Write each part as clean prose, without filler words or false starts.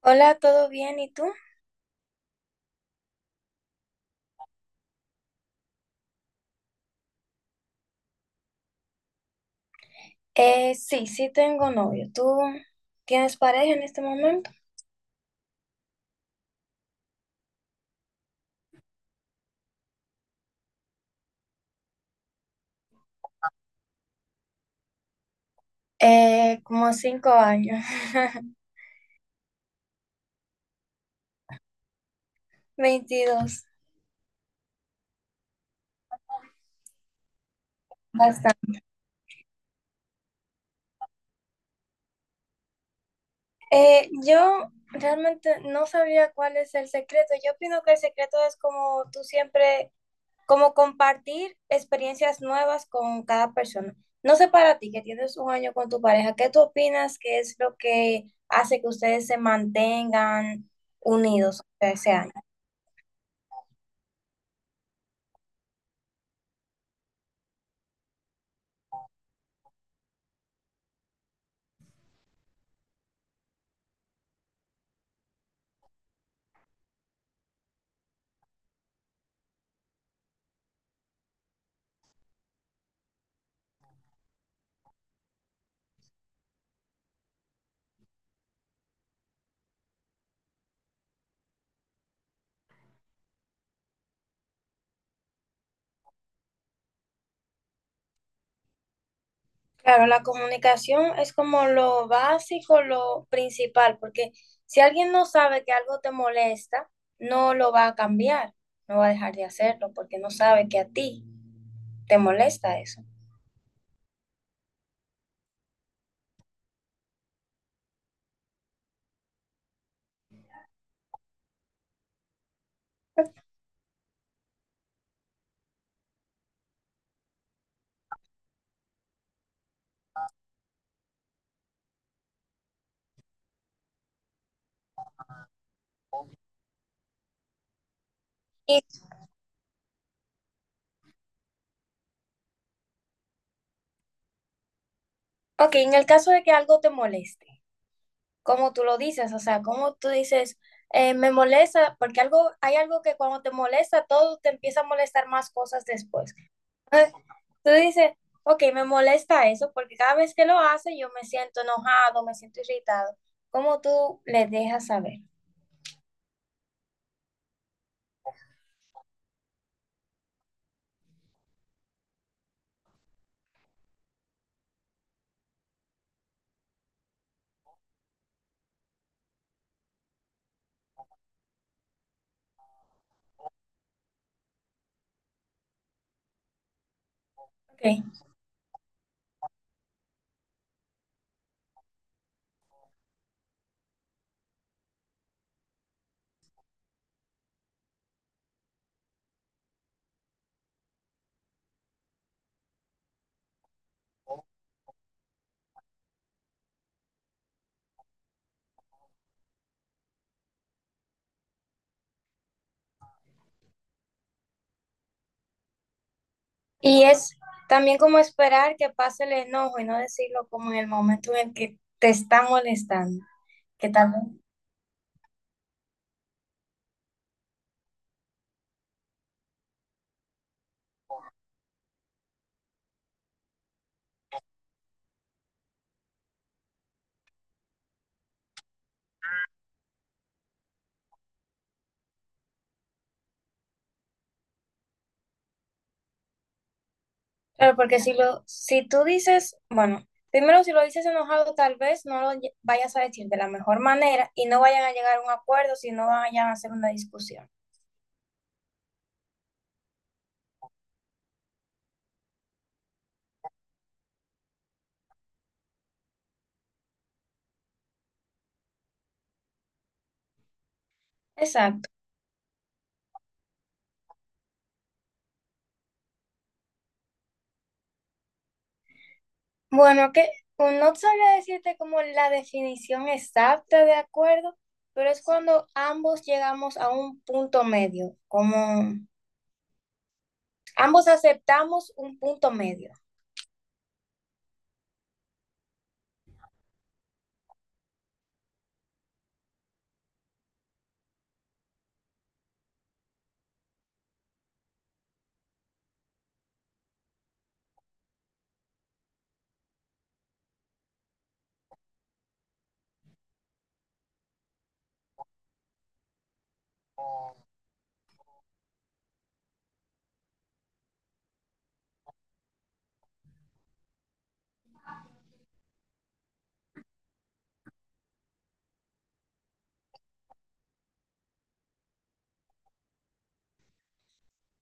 Hola, ¿todo bien? ¿Y tú? Sí, sí tengo novio. ¿Tú tienes pareja en este momento? Como 5 años. 22. Bastante. Yo realmente no sabía cuál es el secreto. Yo opino que el secreto es como tú siempre, como compartir experiencias nuevas con cada persona. No sé, para ti que tienes un año con tu pareja, ¿qué tú opinas que es lo que hace que ustedes se mantengan unidos? O sea, ¿ese año? Claro, la comunicación es como lo básico, lo principal, porque si alguien no sabe que algo te molesta, no lo va a cambiar, no va a dejar de hacerlo, porque no sabe que a ti te molesta eso. Y, ok, en el caso de que algo te moleste, ¿cómo tú lo dices? O sea, ¿cómo tú dices, me molesta? Porque algo, hay algo que cuando te molesta, todo te empieza a molestar más cosas después. Eh, Tú dices, ok, me molesta eso porque cada vez que lo hace yo me siento enojado, me siento irritado. ¿Cómo tú le dejas saber? Ok. Y es también como esperar que pase el enojo y no decirlo como en el momento en el que te está molestando, que tal vez. Claro, porque si tú dices, bueno, primero si lo dices enojado, tal vez no lo vayas a decir de la mejor manera y no vayan a llegar a un acuerdo, si no vayan a hacer una discusión. Exacto. Bueno, que o no sabría decirte como la definición exacta de acuerdo, pero es cuando ambos llegamos a un punto medio, como ambos aceptamos un punto medio.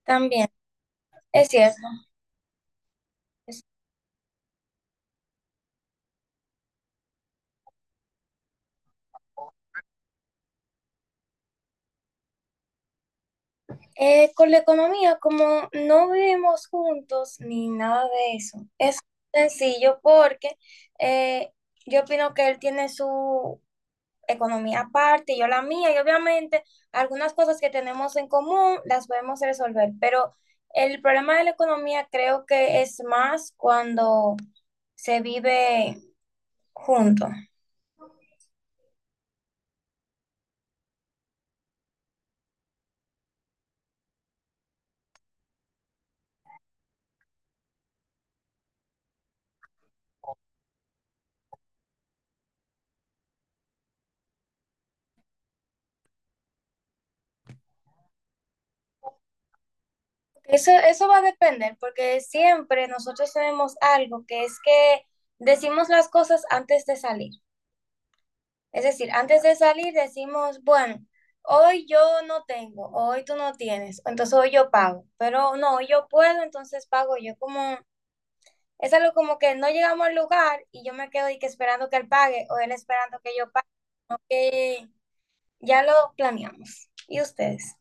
También, es cierto. Con la economía, como no vivimos juntos ni nada de eso, es sencillo porque eh, yo opino que él tiene su economía aparte, yo la mía, y obviamente algunas cosas que tenemos en común las podemos resolver, pero el problema de la economía creo que es más cuando se vive junto. Eso va a depender, porque siempre nosotros tenemos algo que es que decimos las cosas antes de salir. Es decir, antes de salir decimos, bueno, hoy yo no tengo, hoy tú no tienes, entonces hoy yo pago, pero no, hoy yo puedo, entonces pago yo como. Es algo como que no llegamos al lugar y yo me quedo y que esperando que él pague o él esperando que yo pague. Eh, ya lo planeamos. ¿Y ustedes?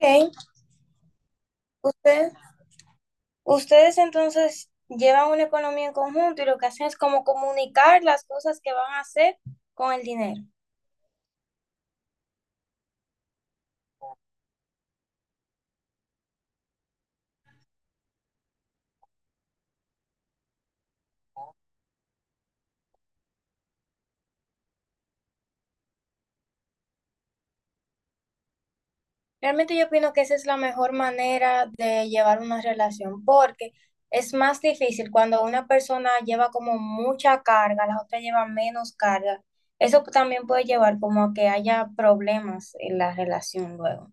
Okay, ustedes, ustedes entonces llevan una economía en conjunto y lo que hacen es como comunicar las cosas que van a hacer con el dinero. Realmente yo opino que esa es la mejor manera de llevar una relación, porque es más difícil cuando una persona lleva como mucha carga, la otra lleva menos carga. Eso también puede llevar como a que haya problemas en la relación luego.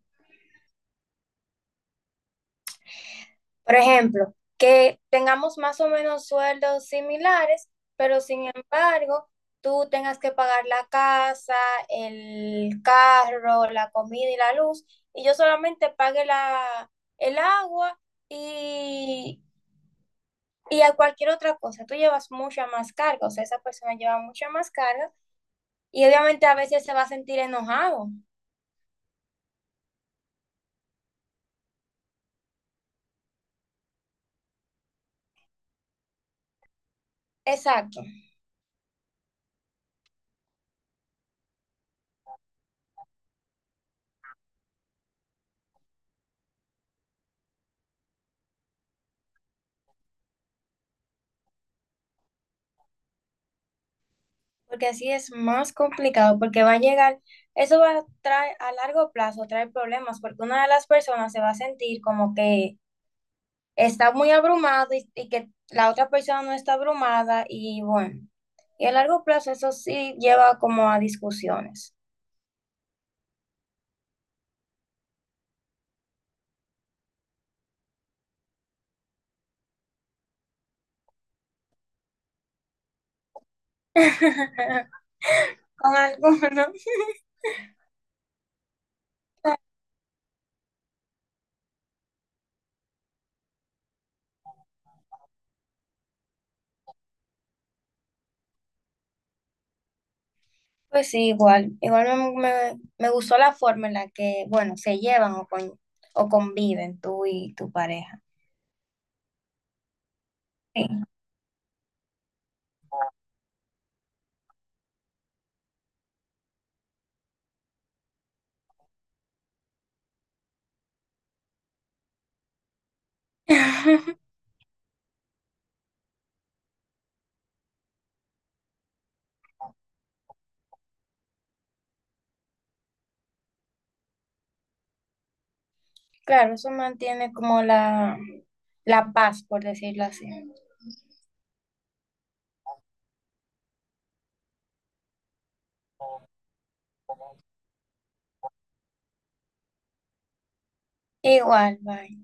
Por ejemplo, que tengamos más o menos sueldos similares, pero sin embargo, tú tengas que pagar la casa, el carro, la comida y la luz, y yo solamente pague el agua y, y a cualquier otra cosa. Tú llevas mucha más carga, o sea, esa persona lleva mucha más carga y obviamente a veces se va a sentir enojado. Exacto. Porque así es más complicado, porque va a llegar, eso va a traer a largo plazo, traer problemas, porque una de las personas se va a sentir como que está muy abrumado y que la otra persona no está abrumada y bueno, y a largo plazo eso sí lleva como a discusiones. Con algunos. Pues sí, igual me gustó la forma en la que, bueno, se llevan o conviven tú y tu pareja. Sí. Claro, eso mantiene como la paz, por decirlo así. Igual, bye.